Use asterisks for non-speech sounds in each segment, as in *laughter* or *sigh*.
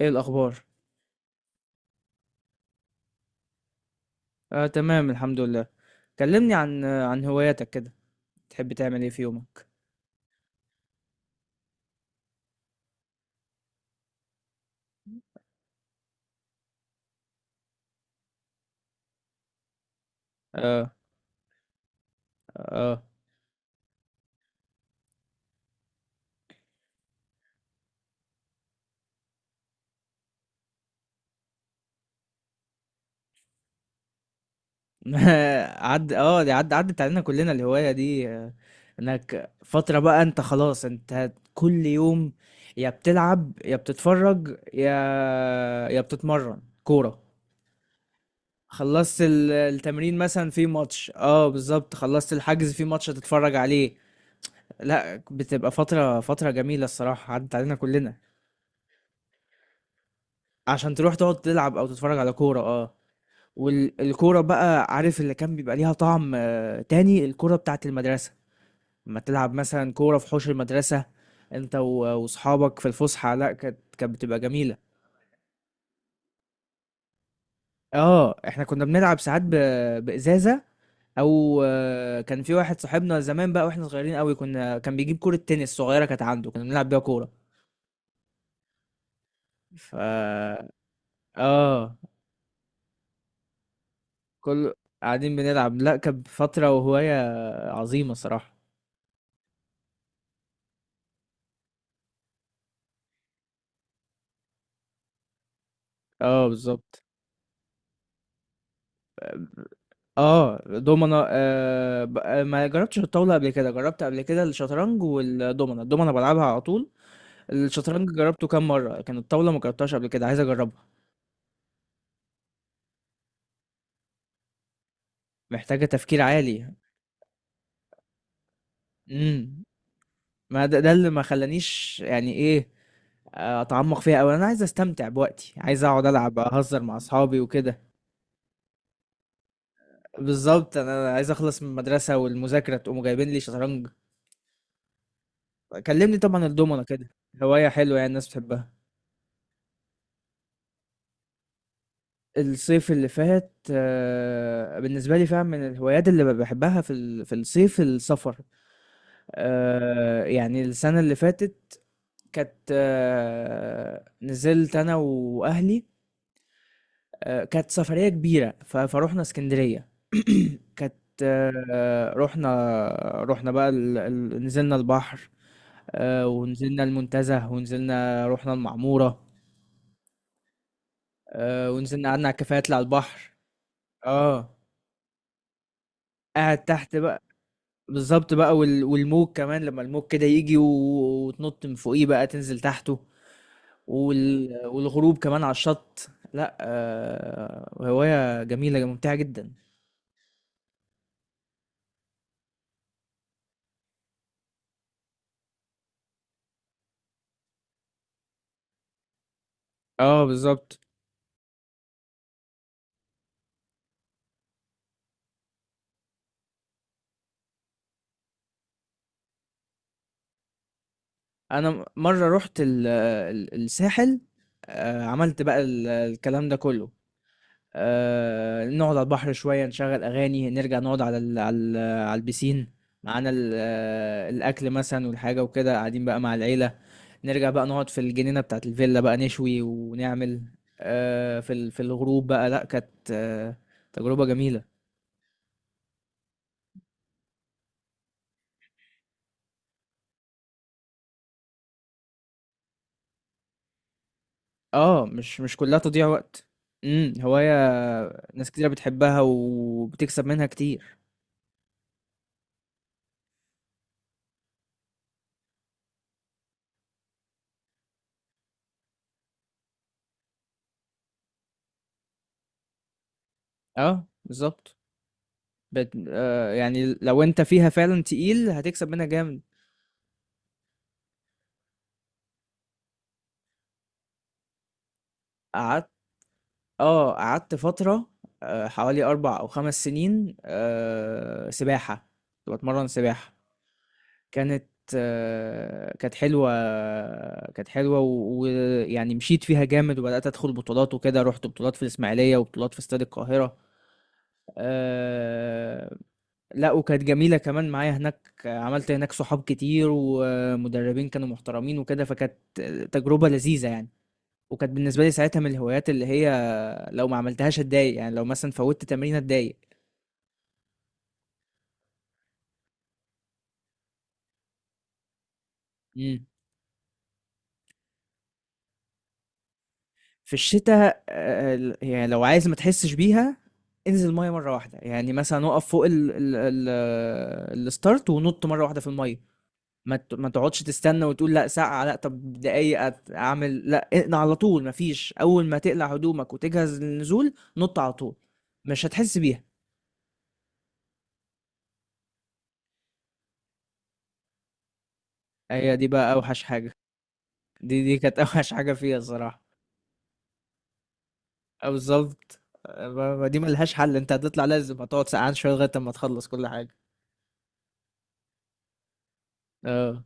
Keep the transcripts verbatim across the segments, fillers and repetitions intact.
ايه الاخبار؟ آه، تمام، الحمد لله. كلمني عن آه، عن هواياتك كده. تحب تعمل ايه في يومك؟ اه. اه. *laughs* عد اه دي عد عدت علينا كلنا الهواية دي آه، انك فترة بقى، انت خلاص انت كل يوم يا بتلعب يا بتتفرج يا يا بتتمرن كورة. خلصت ال- التمرين مثلا في ماتش، اه بالظبط، خلصت الحجز في ماتش هتتفرج عليه. لا، بتبقى فترة فترة جميلة الصراحة، عدت علينا كلنا. عشان تروح تقعد تلعب او تتفرج على كوره. اه. والكوره بقى عارف اللي كان بيبقى ليها طعم آه، تاني الكوره بتاعت المدرسه، لما تلعب مثلا كوره في حوش المدرسه، انت و- واصحابك في الفسحه. لا، كانت كانت بتبقى جميله. اه، احنا كنا بنلعب ساعات ب- بازازه، او آه، كان في واحد صاحبنا زمان بقى، واحنا صغيرين قوي، كنا كان بيجيب كوره تنس صغيره كانت عنده، كنا بنلعب بيها كوره. ف اه كل قاعدين بنلعب. لا، كانت فتره وهوايه عظيمه صراحه. اه بالظبط. اه، دومنا آه ب- آه، ما جربتش الطاولة قبل كده، جربت قبل كده الشطرنج والدومنا. الدومنا بلعبها على طول. الشطرنج جربته كام مرة، لكن الطاولة ما جربتهاش قبل كده، عايز اجربها. محتاجة تفكير عالي. امم ما ده, ده اللي ما خلانيش، يعني ايه، آه، اتعمق فيها اوي. انا عايز استمتع بوقتي، عايز اقعد العب اهزر مع اصحابي وكده. بالظبط، انا عايز اخلص من المدرسة والمذاكرة تقوموا جايبين لي شطرنج. كلمني. طبعا الدومنا كده هواية حلوة، يعني الناس بتحبها. الصيف اللي فات آه، بالنسبة لي فعلا من الهوايات اللي بحبها في ال- في الصيف السفر. آه، يعني السنة اللي فاتت كانت آه، نزلت أنا وأهلي. آه، كانت سفرية كبيرة ف- فروحنا اسكندرية. كانت. آه، رحنا رحنا بقى ال- ال- نزلنا البحر. آه، ونزلنا المنتزه، ونزلنا رحنا المعمورة. آه، ونزلنا قعدنا على الكافيهات اللي على البحر. اه، قاعد تحت بقى. بالظبط بقى. وال... والموج كمان، لما الموج كده يجي و- وتنط من فوقيه بقى تنزل تحته. وال... والغروب كمان على الشط. لا، آه... هواية جميلة ممتعة جدا. اه بالظبط. انا مرة رحت ال... ال- الساحل. آه عملت بقى ال... الكلام ده كله. آه، نقعد على البحر شوية، نشغل أغاني، نرجع نقعد على ال على ال على البسين. معانا ال- آه، الأكل مثلا والحاجة وكده، قاعدين بقى مع العيلة. نرجع بقى نقعد في الجنينة بتاعت الفيلا بقى نشوي ونعمل آه، في ال- في الغروب بقى. لأ، كانت آه، تجربة جميلة. اه، مش مش كلها تضييع وقت. امم هواية ناس كتيرة بتحبها وبتكسب منها كتير. اه بالظبط. بت... آه يعني لو انت فيها فعلا تقيل هتكسب منها جامد. قعدت. اه، قعدت فترة آه، حوالي أربع أو خمس سنين آه، سباحة. كنت بتمرن سباحة. كانت آه، كانت حلوة. كانت حلوة، ويعني مشيت فيها جامد وبدأت أدخل بطولات وكده، رحت بطولات في الإسماعيلية وبطولات في استاد القاهرة. آه، لا وكانت جميلة كمان، معايا هناك عملت هناك صحاب كتير ومدربين كانوا محترمين وكده، فكانت تجربة لذيذة يعني. وكانت بالنسبة لي ساعتها من الهوايات اللي هي لو ما عملتهاش اتضايق، يعني لو مثلا فوتت تمرين اتضايق. امم في الشتاء آه، ال- يعني لو عايز ما تحسش بيها، انزل الميه مره واحده، يعني مثلا اقف فوق ال ال ال الستارت ونط مره واحده في الميه. ما ت- ما تقعدش تستنى وتقول لا ساعه لا طب دقايق أت- اعمل لا اقلع على طول. ما فيش، اول ما تقلع هدومك وتجهز للنزول نط على طول. مش هتحس بيها. هي دي بقى اوحش حاجه. دي دي كانت *laughs* اوحش حاجه فيها الصراحه. آه، بالظبط. آه، ما ما دي ملهاش حل، انت هتطلع لازم هتقعد سقعان شويه لغايه اما تخلص كل حاجه. اه،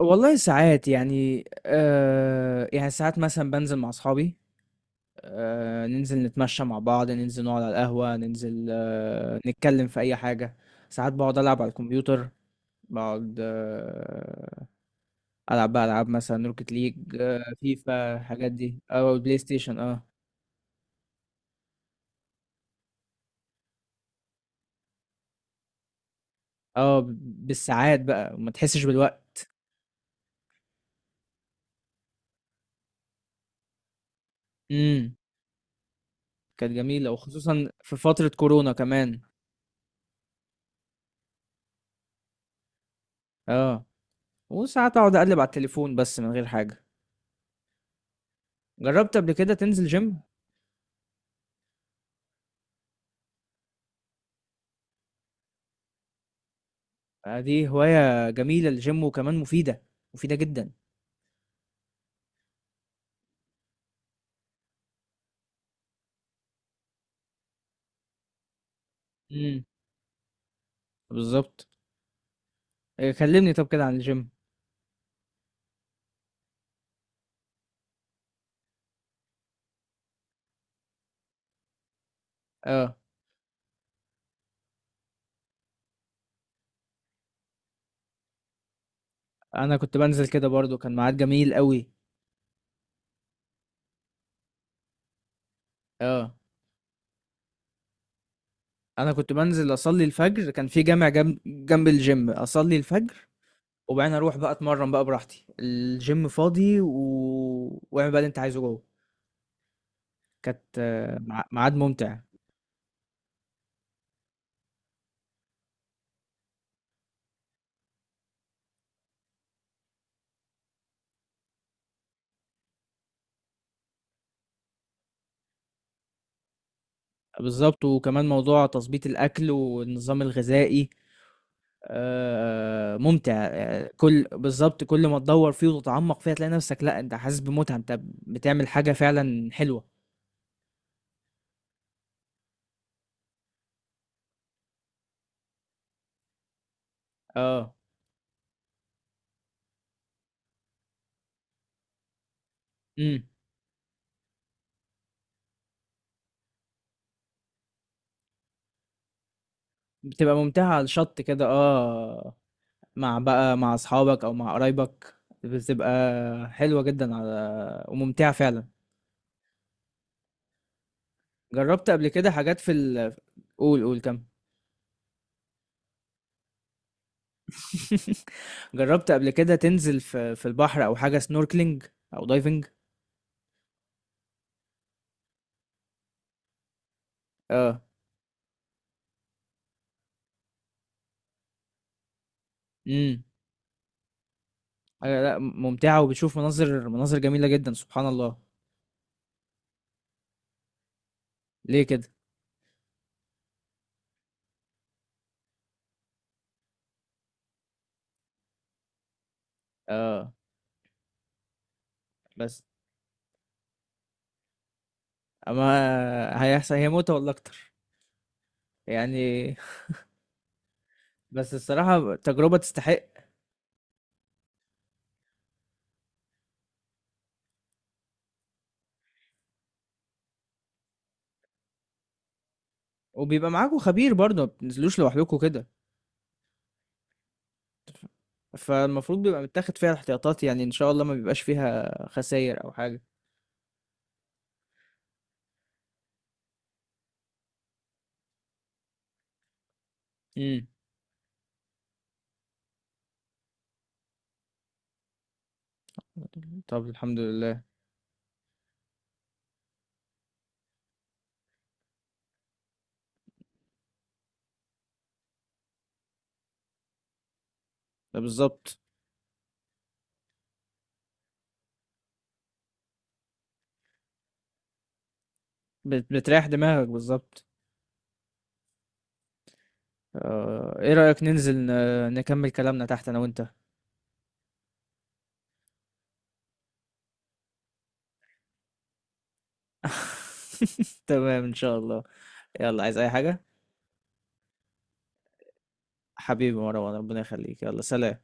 والله ساعات يعني آه يعني ساعات مثلا بنزل مع اصحابي. آه ننزل نتمشى مع بعض، ننزل نقعد على القهوة، ننزل آه نتكلم في اي حاجة. ساعات بقعد العب على الكمبيوتر. بقعد آه العب بقى العاب مثلا روكيت ليج، آه فيفا الحاجات دي او بلاي ستيشن. اه. اه بالساعات بقى ما تحسش بالوقت. مم. كانت جميلة وخصوصا في فترة كورونا كمان. اه، وساعات اقعد اقلب على التليفون بس من غير حاجة. جربت قبل كده تنزل جيم؟ آه، دي هواية جميلة الجيم، وكمان مفيدة، مفيدة جدا. امم بالظبط. إيه، كلمني طب كده عن الجيم. اه، انا كنت بنزل كده برضو، كان ميعاد جميل قوي. اه، انا كنت بنزل اصلي الفجر، كان في جامع جنب جنب الجيم اصلي الفجر. وبعدين اروح بقى اتمرن بقى براحتي الجيم فاضي و... واعمل بقى اللي انت عايزه جوه. كانت آه، مع- ميعاد ممتع. بالضبط، وكمان موضوع تضبيط الأكل والنظام الغذائي. آآ ممتع، يعني. كل بالضبط، كل ما تدوّر فيه وتتعمّق فيه هتلاقي نفسك لأ، أنت حاسس بمتعة، أنت بتعمل حاجة فعلًا حلوة، آه، إمم، بتبقى ممتعة على الشط كده آه، مع بقى مع أصحابك أو مع قرايبك، بتبقى حلوة جدًا على وممتعة فعلًا. جرّبت قبل كده حاجات في ال قُل، قُل، كمّل. *laughs* جرّبت قبل كده تنزل في في البحر أو حاجة snorkeling أو diving؟ آه، إمم، آآ، لأ، ممتعة وبتشوف مناظر مناظر جميلة جدًا، سبحان الله. ليه كده؟ آه، بس أما هيحصل، هي متعة والله أكتر، يعني. *laughs* بس الصراحة تجربة تستحق. وبيبقى معاكم خبير برضه، ما بتنزلوش لوحدكم كده. فالمفروض بيبقى متاخد فيها الاحتياطات، يعني إن شاء الله ما بيبقاش فيها خساير أو حاجة. إمم، طب الحمد لله. ده بالضبط. بت بتريّح دماغك بالضبط. آه، إيه رأيك ننزل ن نكمل كلامنا تحت أنا وأنت؟ *laughs* تمام إن شاء الله. يلا، عايز أي حاجة؟ حبيبي مروان، ربنا يخليك، يلا سلام.